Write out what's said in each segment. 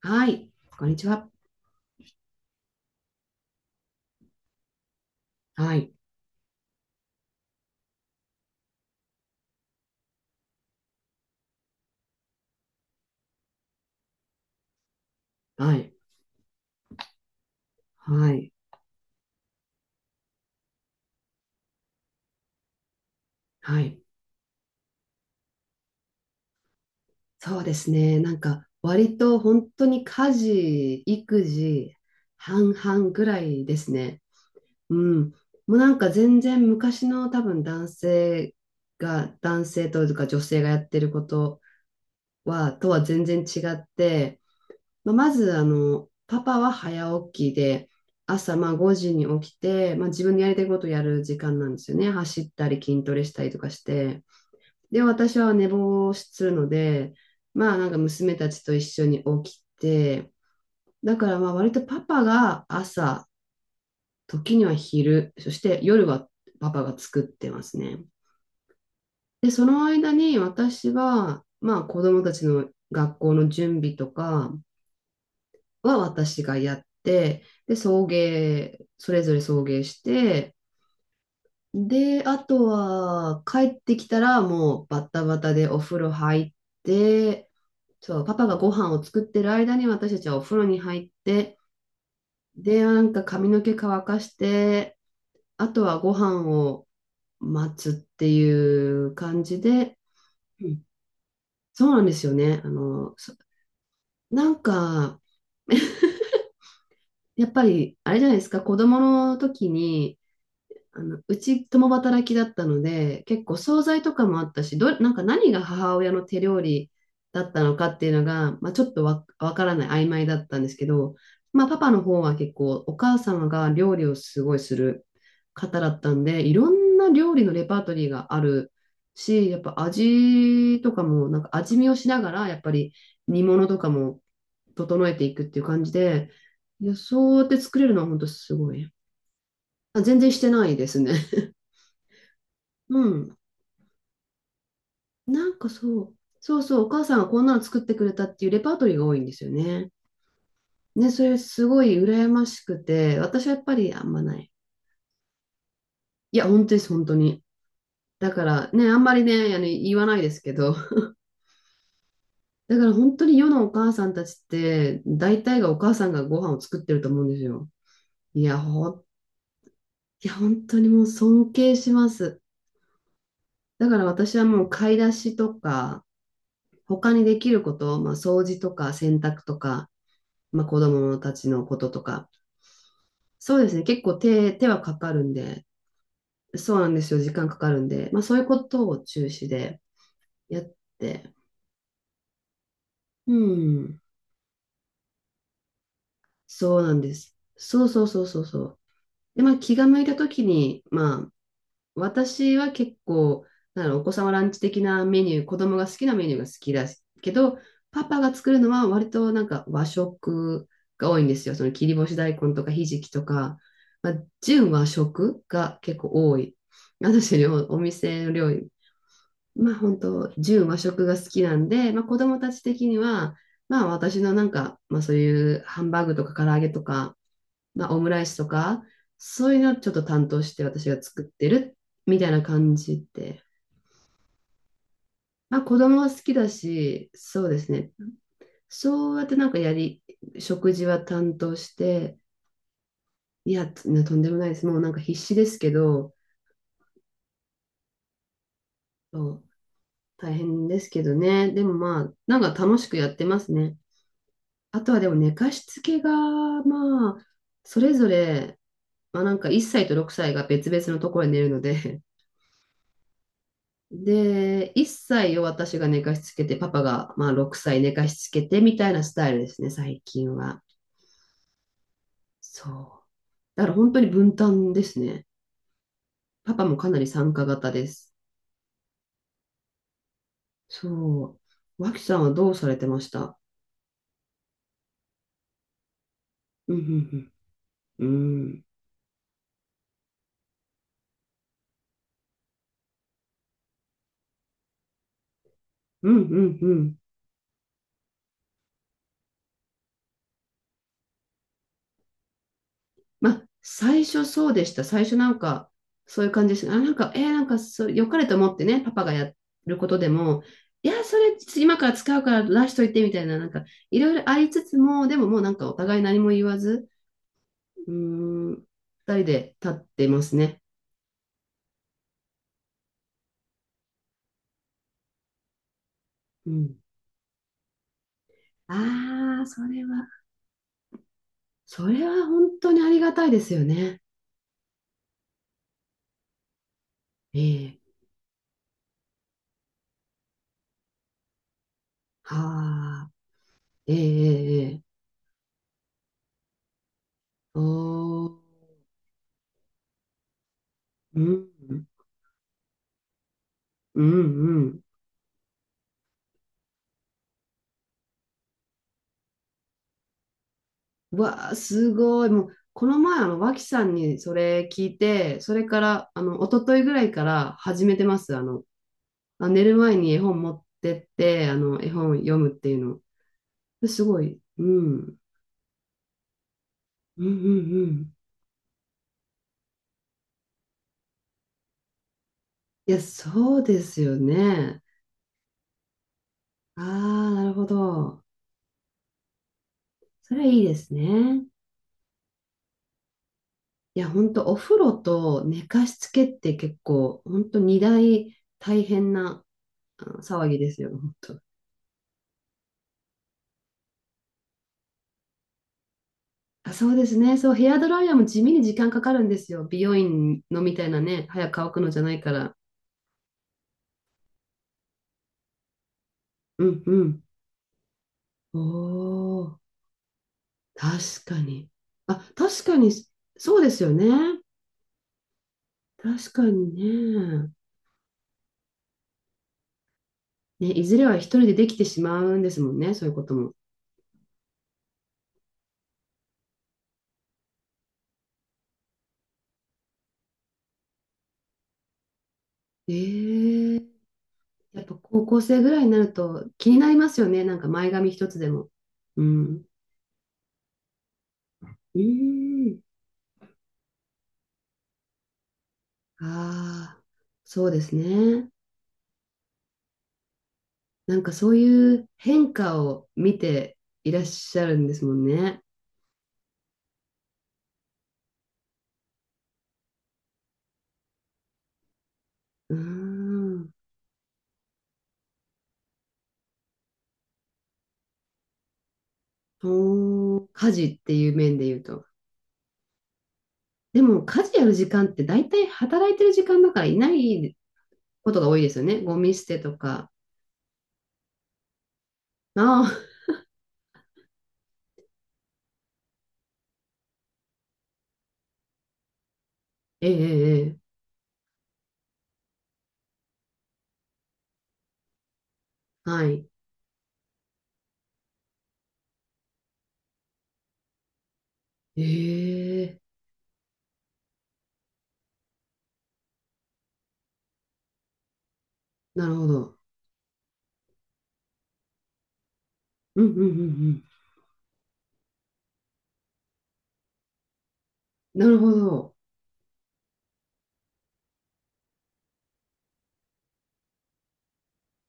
はい。こんにちは。はい。はい。はい。はい。そうですね。割と本当に家事、育児、半々ぐらいですね。うん。もう全然昔の多分男性が、男性というか女性がやってることは、とは全然違って、まず、パパは早起きで、朝まあ5時に起きて、まあ、自分のやりたいことをやる時間なんですよね。走ったり筋トレしたりとかして。で、私は寝坊するので、娘たちと一緒に起きて、だからまあ割とパパが朝、時には昼、そして夜はパパが作ってますね。で、その間に私は、まあ子供たちの学校の準備とかは私がやって、で、送迎、それぞれ送迎して、で、あとは帰ってきたらもうバタバタでお風呂入って、そう、パパがご飯を作ってる間に私たちはお風呂に入って、で、髪の毛乾かして、あとはご飯を待つっていう感じで、うん、そうなんですよね。あの、そなんか、やっぱり、あれじゃないですか、子供の時に、あの、うち共働きだったので、結構惣菜とかもあったし、ど、なんか何が母親の手料理だったのかっていうのが、まあ、ちょっとわ、わからない、曖昧だったんですけど、まあ、パパの方は結構お母様が料理をすごいする方だったんで、いろんな料理のレパートリーがあるし、やっぱ味とかも、味見をしながら、やっぱり煮物とかも整えていくっていう感じで、いや、そうやって作れるのは本当すごい。あ、全然してないですね。うん。なんかそう、そうそう、お母さんがこんなの作ってくれたっていうレパートリーが多いんですよね。ね、それすごい羨ましくて、私はやっぱりあんまない。いや、本当です、本当に。だからね、あんまりね、あの、言わないですけど、だから本当に世のお母さんたちって、大体がお母さんがご飯を作ってると思うんですよ。いや、ほん、いや、本当にもう尊敬します。だから私はもう買い出しとか、他にできること、まあ、掃除とか洗濯とか、まあ、子供たちのこととか、そうですね。結構手、手はかかるんで、そうなんですよ。時間かかるんで、まあそういうことを中止でやって、うん、そうなんです。そうそうそうそうそう。で、まあ気が向いた時に、まあ私は結構、なんだろう、お子様ランチ的なメニュー、子供が好きなメニューが好きだけど、パパが作るのは割と和食が多いんですよ。その切り干し大根とかひじきとか、まあ、純和食が結構多い。私のお店の料理、まあ本当、純和食が好きなんで、まあ子供たち的には、まあ私のまあそういうハンバーグとか唐揚げとか、まあオムライスとか、そういうのをちょっと担当して私が作ってるみたいな感じで、まあ子供は好きだし、そうですね。そうやってなんかやり、食事は担当して、いや、とんでもないです。もう必死ですけど、そう大変ですけどね。でもまあ、楽しくやってますね。あとはでも寝かしつけが、まあ、それぞれ、1歳と6歳が別々のところに寝るので、で、1歳を私が寝かしつけて、パパがまあ6歳寝かしつけてみたいなスタイルですね、最近は。そう。だから本当に分担ですね。パパもかなり参加型です。そう。脇さんはどうされてました？うん、うん、うん。うん、うん、うん、うん。まあ、最初そうでした。最初そういう感じでした。あ、良かれと思ってね、パパがやることでも、いや、それ今から使うから出しといてみたいな、なんか、いろいろありつつも、でももうお互い何も言わず、うーん、二人で立ってますね。うん。ああ、それは、それは本当にありがたいですよね。ええ、はあ、ええ、ええ、おー、うん、うん、うん。うわあ、すごい。もう、この前、あの、脇さんにそれ聞いて、それから、あの、一昨日ぐらいから始めてます。あの、あ、寝る前に絵本持ってって、あの、絵本読むっていうの。すごい。うん。うんうんうん。いや、そうですよね。ああ、なるほど。それはいいですね。いや、ほんと、お風呂と寝かしつけって結構、ほんと、二大大変な騒ぎですよ。あ、そうですね。そう、ヘアドライヤーも地味に時間かかるんですよ。美容院のみたいなね、早く乾くのじゃないから。うんうん。おお、確かに。あ、確かに、そうですよね。確かにね。ね、いずれは一人でできてしまうんですもんね、そういうことも。ええ、やっぱ高校生ぐらいになると気になりますよね。前髪一つでも。うん。うん。ああ、そうですね。そういう変化を見ていらっしゃるんですもんね。うーん。おー、家事っていう面で言うと。でも家事やる時間って大体働いてる時間だからいないことが多いですよね。ゴミ捨てとか。ああ、ええ、ええ、はい。ええ、なるほど。うんうんうんうん。なるほど。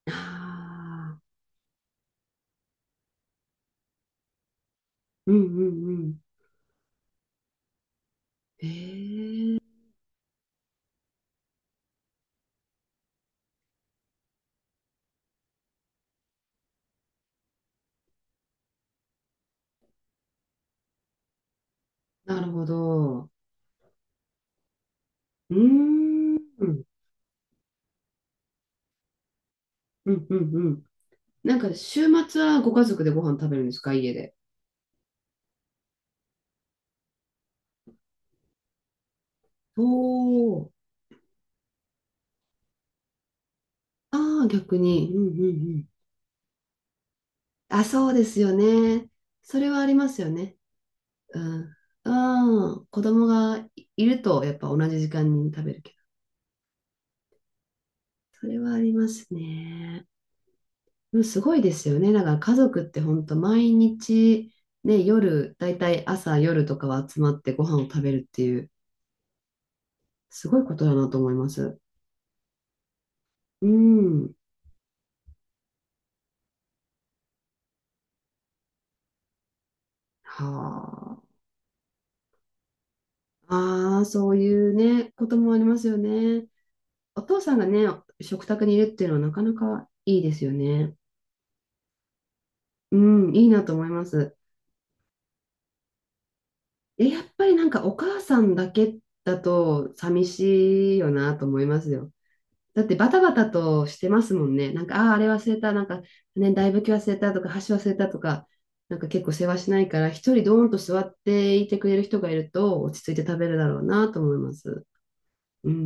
ああ、うんうんうん。ええ、なるほど。うーん。うんうんうん。週末はご家族でご飯食べるんですか、家で。おー。ああ、逆に。うんうんうん。あ、そうですよね。それはありますよね。うん。ああ、子供がいると、やっぱ同じ時間に食べるけど。それはありますね。でもすごいですよね。だから家族って本当毎日、ね、夜、だいたい朝、夜とかは集まってご飯を食べるっていう、すごいことだなと思います。うん。はあ。ああ、そういうね、こともありますよね。お父さんがね、食卓にいるっていうのはなかなかいいですよね。うん、いいなと思います。え、やっぱりお母さんだけだと寂しいよなと思いますよ。だってバタバタとしてますもんね。なんか、ああ、あれ忘れた、なんか、ね、大ぶき忘れたとか、箸忘れたとか、結構世話しないから、一人ドーンと座っていてくれる人がいると落ち着いて食べるだろうなと思います。うん。